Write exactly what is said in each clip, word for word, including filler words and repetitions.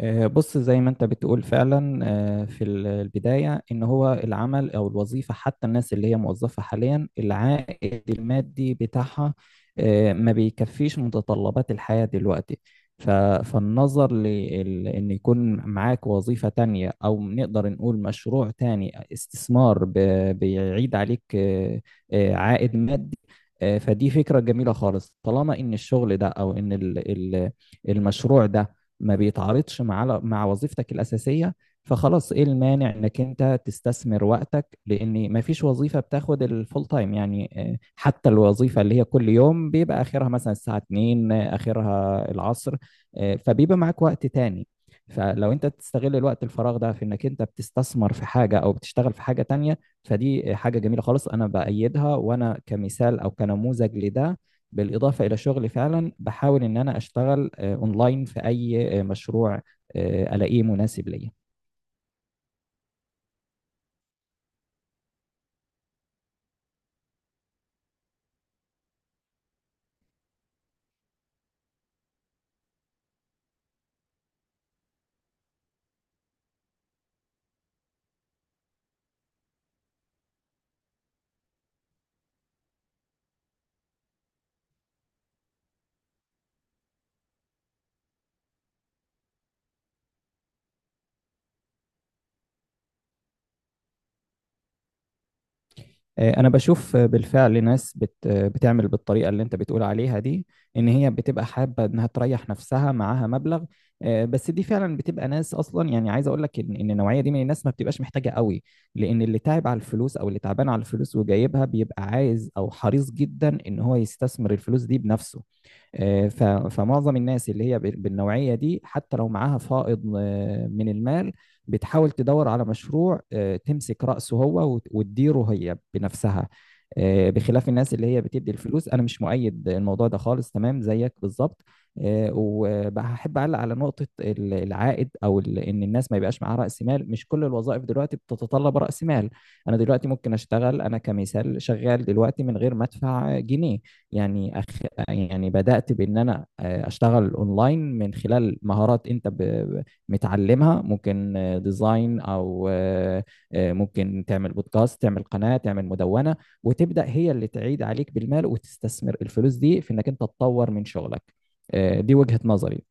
آه، بص زي ما انت بتقول فعلا. آه، في ال- البداية، ان هو العمل او الوظيفة حتى الناس اللي هي موظفة حاليا العائد المادي بتاعها آه، ما بيكفيش متطلبات الحياة دلوقتي. ف- فالنظر لان يكون معاك وظيفة تانية او نقدر نقول مشروع تاني استثمار ب- بيعيد عليك آه، آه، عائد مادي. آه، فدي فكرة جميلة خالص طالما ان الشغل ده او ان ال- ال- المشروع ده ما بيتعارضش مع مع وظيفتك الأساسية. فخلاص ايه المانع انك انت تستثمر وقتك لان ما فيش وظيفة بتاخد الفول تايم، يعني آه، حتى الوظيفة اللي هي كل يوم بيبقى اخرها مثلا الساعة اتنين، آه، اخرها العصر. آه، فبيبقى معاك وقت تاني. فلو انت تستغل الوقت الفراغ ده في انك انت بتستثمر في حاجة او بتشتغل في حاجة تانية، فدي حاجة جميلة خالص انا بأيدها. وانا كمثال او كنموذج لده، بالإضافة إلى شغلي فعلا بحاول إن أنا أشتغل اونلاين في اي آه، مشروع آه، الاقيه مناسب ليا. آه، انا بشوف آه، بالفعل ناس بت آه، بتعمل بالطريقه اللي انت بتقول عليها دي، ان هي بتبقى حابه انها تريح نفسها معاها مبلغ. آه، بس دي فعلا بتبقى ناس اصلا، يعني عايز اقول لك ان إن النوعيه دي من الناس ما بتبقاش محتاجه قوي، لان اللي تعب على الفلوس او اللي تعبان على الفلوس وجايبها بيبقى عايز او حريص جدا ان هو يستثمر الفلوس دي بنفسه. آه، ف- فمعظم الناس اللي هي بال- بالنوعية دي حتى لو معاها فائض آه، من المال بتحاول تدور على مشروع، آه، تمسك رأسه هو وت- وتديره هي بنفسها. آه، بخلاف الناس اللي هي بتدي الفلوس، أنا مش مؤيد الموضوع ده خالص، تمام زيك بالظبط. آه، وبحب أعلق على نقطة ال- العائد أو ال- إن الناس ما يبقاش معاها رأس مال. مش كل الوظائف دلوقتي بتتطلب رأس مال. أنا دلوقتي ممكن أشتغل، أنا كمثال شغال دلوقتي من غير ما أدفع جنيه. يعني أخ... يعني بدأت بإن أنا آه، أشتغل أونلاين من خلال مهارات أنت ب... متعلمها. ممكن آه، ديزاين أو آه، آه، ممكن تعمل بودكاست، تعمل قناة، تعمل مدونة، وتبدأ هي اللي تعيد عليك بالمال وتستثمر الفلوس دي في إنك أنت تطور من شغلك. آه، دي وجهة نظري.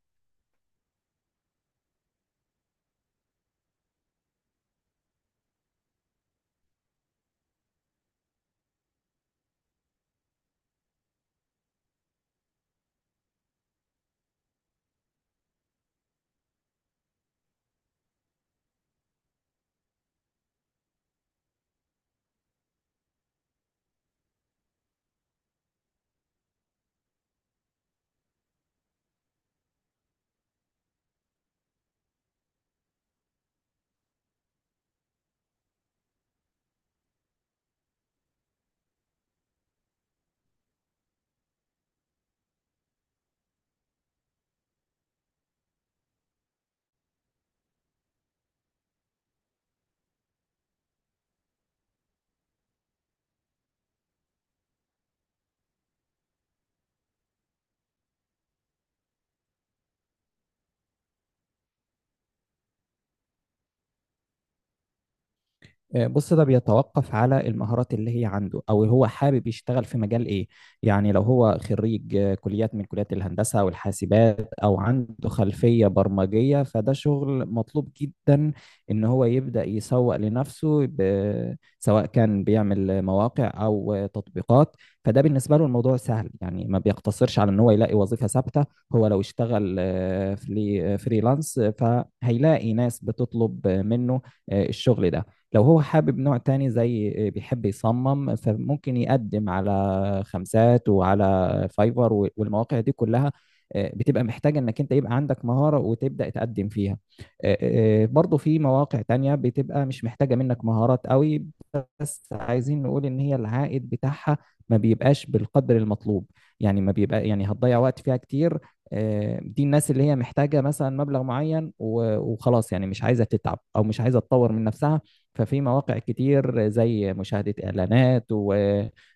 آه، بص ده بيتوقف على المهارات اللي هي عنده او هو حابب يشتغل في مجال ايه. يعني لو هو خريج آه، كليات، من كليات الهندسة او الحاسبات او عنده خلفية برمجية، فده شغل مطلوب جدا ان هو يبدأ يسوق لنفسه، ب- سواء كان بيعمل مواقع او آه، تطبيقات. فده بالنسبة له الموضوع سهل، يعني ما بيقتصرش على ان هو يلاقي وظيفة ثابتة. هو لو اشتغل آه، فلي- آه، فريلانس آه، فهيلاقي ناس بتطلب آه، منه آه، الشغل ده. لو هو حابب نوع تاني، زي بيحب يصمم، فممكن يقدم على خمسات وعلى فايفر والمواقع دي كلها. آه، بتبقى محتاجة انك انت يبقى عندك مهارة وتبدأ تقدم فيها. آه، آه، آه، برضو في مواقع تانية بتبقى مش محتاجة منك مهارات قوي، بس عايزين نقول ان هي العائد بتاعها ما بيبقاش بالقدر المطلوب، يعني ما بيبقى، يعني هتضيع وقت فيها كتير. آه، دي الناس اللي هي محتاجة مثلا مبلغ معين و- وخلاص، يعني مش عايزة تتعب او مش عايزة تطور من نفسها. ففي مواقع كتير زي مشاهدة اعلانات و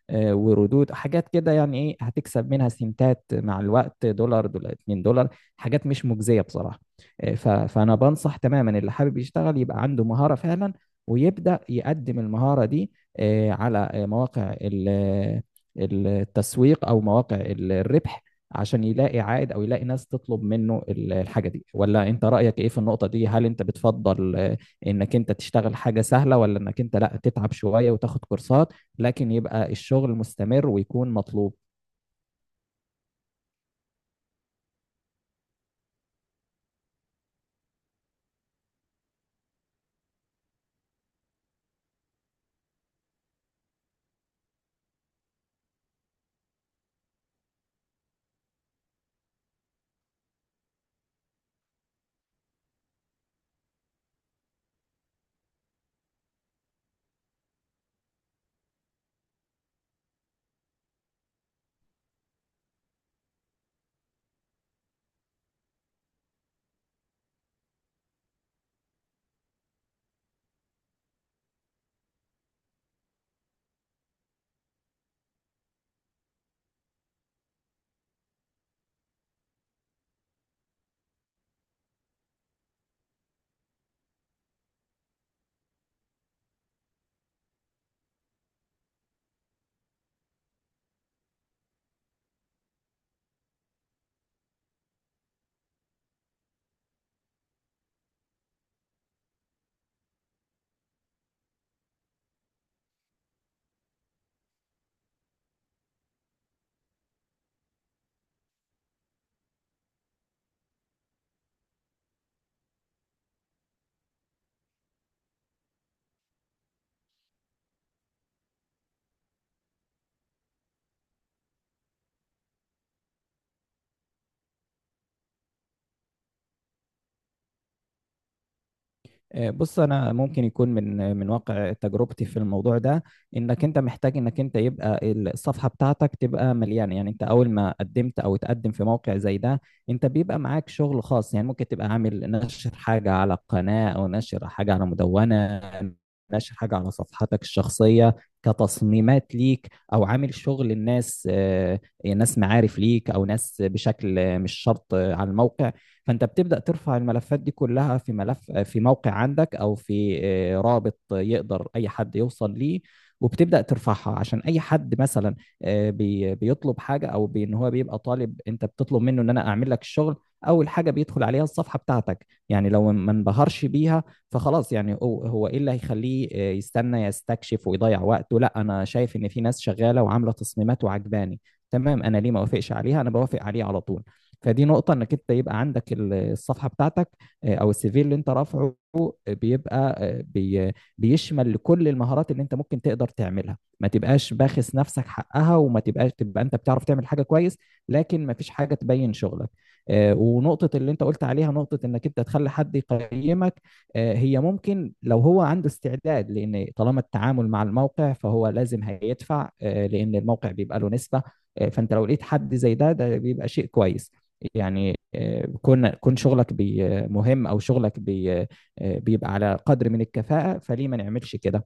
آه، وردود حاجات كده، يعني ايه هتكسب منها؟ سنتات مع الوقت، دولار، دولار، اتنين دولار، حاجات مش مجزية بصراحة. آه، ف- فانا بنصح تماما اللي حابب يشتغل يبقى عنده مهارة فعلا، ويبدأ يقدم المهارة دي آه، على آه، مواقع ال- آه، التسويق أو مواقع ال- الربح، عشان يلاقي عائد أو يلاقي ناس تطلب منه ال- الحاجة دي. ولا أنت رأيك إيه في النقطة دي؟ هل أنت بتفضل آه، إنك أنت تشتغل حاجة سهلة، ولا إنك أنت لا تتعب شوية وتاخد كورسات لكن يبقى الشغل مستمر ويكون مطلوب؟ آه، بص انا ممكن يكون، من من واقع تجربتي في الموضوع ده، انك انت محتاج انك انت يبقى الصفحه بتاعتك تبقى مليانه. يعني انت اول ما قدمت او تقدم في موقع زي ده، انت بيبقى معاك شغل خاص. يعني ممكن تبقى عامل نشر حاجه على قناه، او نشر حاجه على مدونه، نشر حاجه على صفحتك الشخصيه كتصميمات ليك، او عامل شغل الناس، آه، ناس معارف ليك او ناس، بشكل مش شرط على الموقع. فانت بتبدا ترفع الملفات دي كلها في ملف في موقع عندك او في آه، رابط يقدر اي حد يوصل ليه. وبتبدا ترفعها عشان اي حد مثلا آه، بي- بيطلب حاجه، او بي- ان هو بيبقى طالب انت بتطلب منه ان انا اعمل لك الشغل. اول حاجه بيدخل عليها الصفحه بتاعتك، يعني لو ما انبهرش بيها فخلاص، يعني هو هو ايه اللي هيخليه آه، يستنى يستكشف ويضيع وقته؟ لا، انا شايف ان في ناس شغاله وعامله تصميمات وعجباني، تمام، انا ليه ما اوافقش عليها؟ انا بوافق عليه على طول. فدي نقطة، انك انت يبقى عندك ال- الصفحة بتاعتك آه، او السيفي اللي انت رافعه، آه، بيبقى آه، بي بيشمل كل المهارات اللي انت ممكن تقدر تعملها. ما تبقاش باخس نفسك حقها، وما تبقاش تبقى انت بتعرف تعمل حاجة كويس لكن ما فيش حاجة تبين شغلك. آه، ونقطة اللي انت قلت عليها، نقطة انك انت تخلي حد يقيمك، آه، هي ممكن لو هو عنده استعداد، لان طالما التعامل مع الموقع فهو لازم هيدفع آه، لان الموقع بيبقى له نسبة. آه، فانت لو لقيت حد زي ده، ده بيبقى شيء كويس. يعني آه، كون كون شغلك بي- مهم، او شغلك بي- آه، بيبقى على قدر من الكفاءة، فليه ما نعملش كده؟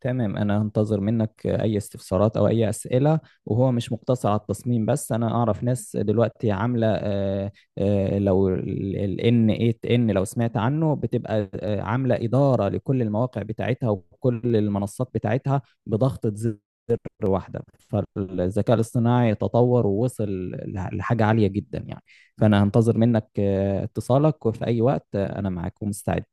تمام، أنا هنتظر منك أي استفسارات أو أي أسئلة. وهو مش مقتصر على التصميم بس، أنا أعرف ناس دلوقتي عاملة، آه، آه، لو ال إن إيت إن لو سمعت عنه، بتبقى آه، عاملة إدارة لكل المواقع بتاعتها وكل المنصات بتاعتها بضغطة زر واحدة. فالذكاء الاصطناعي تطور ووصل لح- لحاجة عالية جدا يعني. فأنا هنتظر منك آه، اتصالك وفي أي وقت آه، أنا معاك ومستعد.